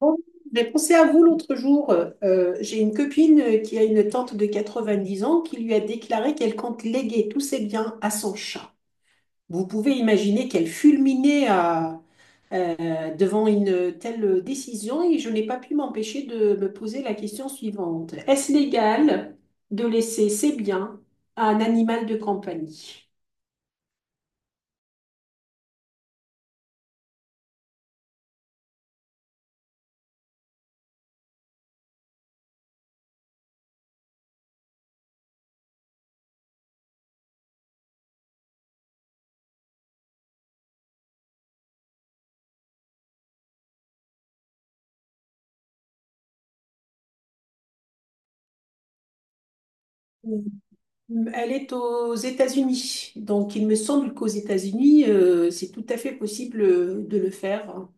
Bon, j'ai pensé à vous l'autre jour. J'ai une copine qui a une tante de 90 ans qui lui a déclaré qu'elle compte léguer tous ses biens à son chat. Vous pouvez imaginer qu'elle fulminait devant une telle décision et je n'ai pas pu m'empêcher de me poser la question suivante. Est-ce légal de laisser ses biens à un animal de compagnie? Elle est aux États-Unis. Donc, il me semble qu'aux États-Unis, c'est tout à fait possible de le faire.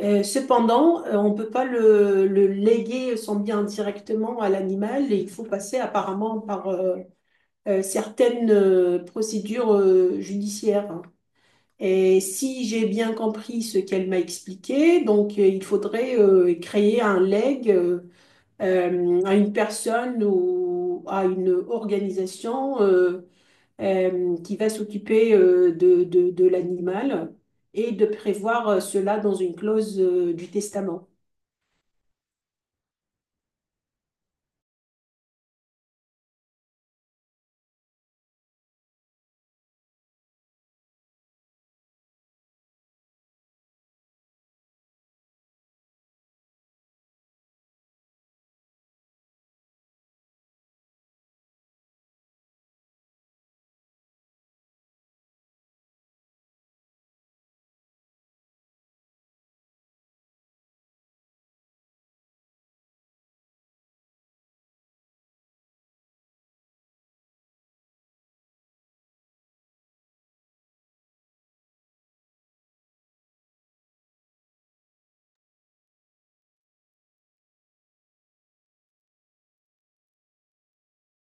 Cependant, on ne peut pas le léguer son bien directement à l'animal et il faut passer apparemment par certaines procédures judiciaires. Et si j'ai bien compris ce qu'elle m'a expliqué, donc il faudrait créer un legs à une personne ou à une organisation. Qui va s'occuper de l'animal et de prévoir cela dans une clause du testament.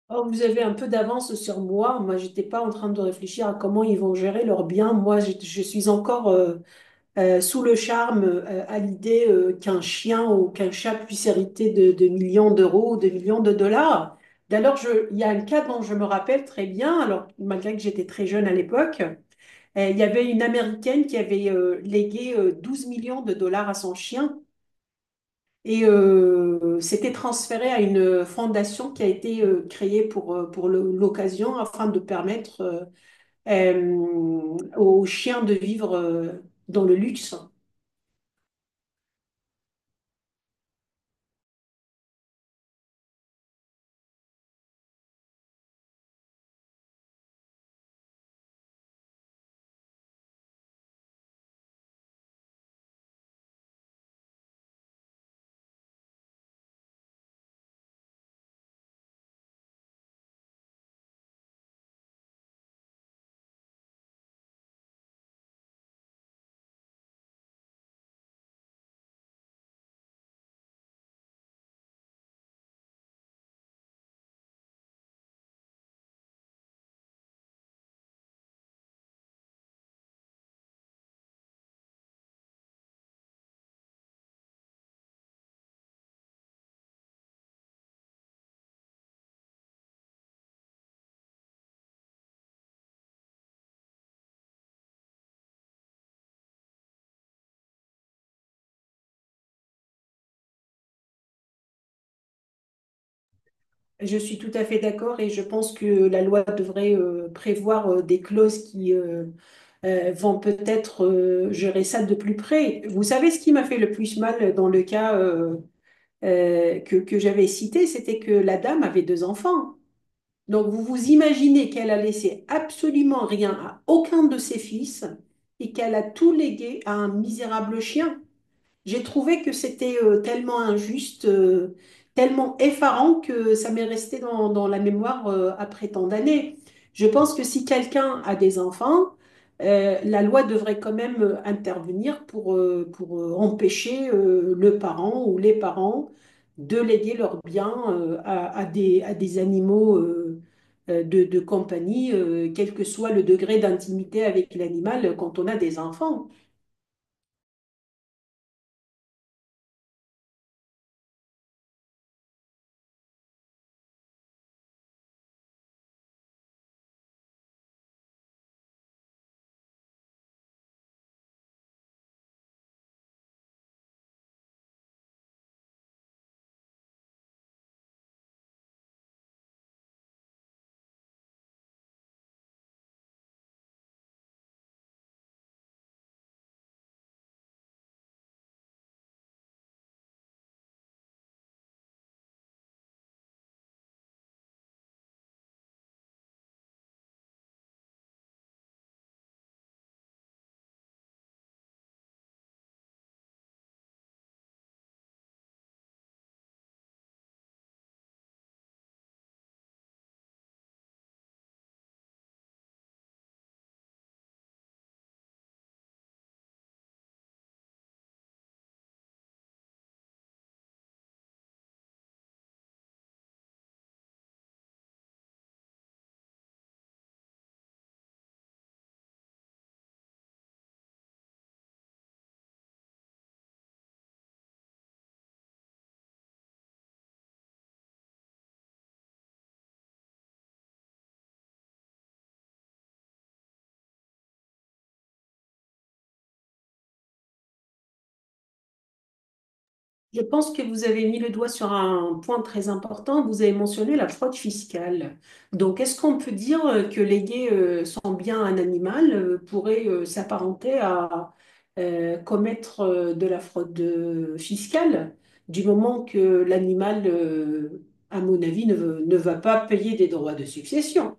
Or, vous avez un peu d'avance sur moi. Moi, j'étais pas en train de réfléchir à comment ils vont gérer leurs biens. Moi, je suis encore sous le charme à l'idée qu'un chien ou qu'un chat puisse hériter de millions d'euros ou de millions de dollars. D'ailleurs, il y a un cas dont je me rappelle très bien, alors malgré que j'étais très jeune à l'époque. Il y avait une Américaine qui avait légué 12 millions de dollars à son chien et c'était transféré à une fondation qui a été créée pour l'occasion afin de permettre aux chiens de vivre dans le luxe. Je suis tout à fait d'accord et je pense que la loi devrait prévoir des clauses qui vont peut-être gérer ça de plus près. Vous savez ce qui m'a fait le plus mal dans le cas que j'avais cité, c'était que la dame avait deux enfants. Donc vous vous imaginez qu'elle a laissé absolument rien à aucun de ses fils et qu'elle a tout légué à un misérable chien. J'ai trouvé que c'était tellement injuste, tellement effarant que ça m'est resté dans la mémoire après tant d'années. Je pense que si quelqu'un a des enfants, la loi devrait quand même intervenir pour empêcher le parent ou les parents de léguer leurs biens à des animaux de compagnie, quel que soit le degré d'intimité avec l'animal quand on a des enfants. Je pense que vous avez mis le doigt sur un point très important. Vous avez mentionné la fraude fiscale. Donc, est-ce qu'on peut dire que léguer son bien à un animal pourrait s'apparenter à commettre de la fraude fiscale, du moment que l'animal, à mon avis, ne va pas payer des droits de succession?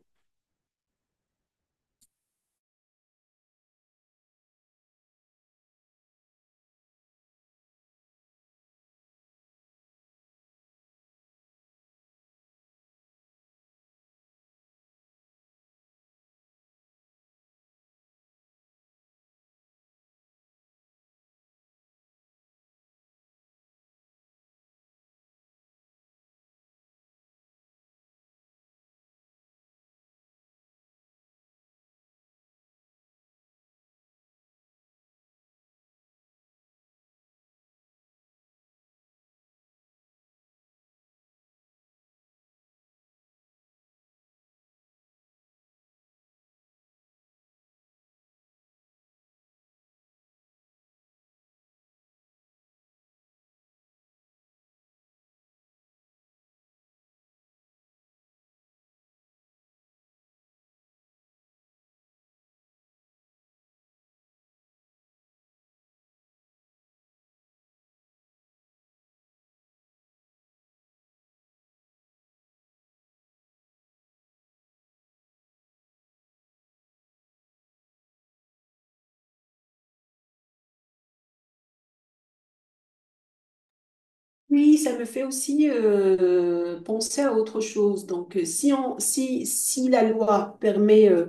Oui, ça me fait aussi penser à autre chose. Donc, si, on, si, si la loi permet euh,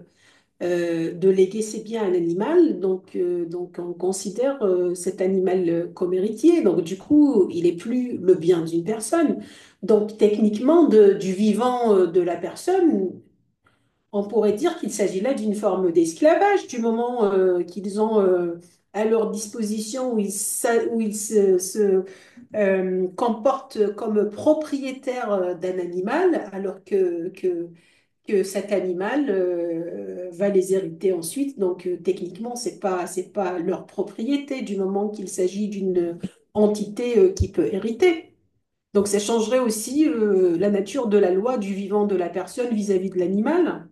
euh, de léguer ses biens à un animal, donc on considère cet animal comme héritier. Donc, du coup, il n'est plus le bien d'une personne. Donc, techniquement, du vivant de la personne, on pourrait dire qu'il s'agit là d'une forme d'esclavage du moment qu'ils ont à leur disposition où ils se comportent comme propriétaires d'un animal alors que cet animal va les hériter ensuite. Donc techniquement, c'est pas leur propriété du moment qu'il s'agit d'une entité qui peut hériter. Donc ça changerait aussi la nature de la loi du vivant de la personne vis-à-vis de l'animal.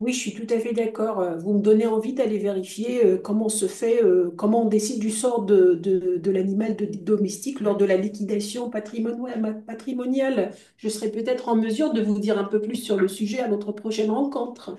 Oui, je suis tout à fait d'accord. Vous me donnez envie d'aller vérifier comment se fait, comment on décide du sort de l'animal domestique lors de la liquidation patrimoniale. Je serai peut-être en mesure de vous dire un peu plus sur le sujet à notre prochaine rencontre.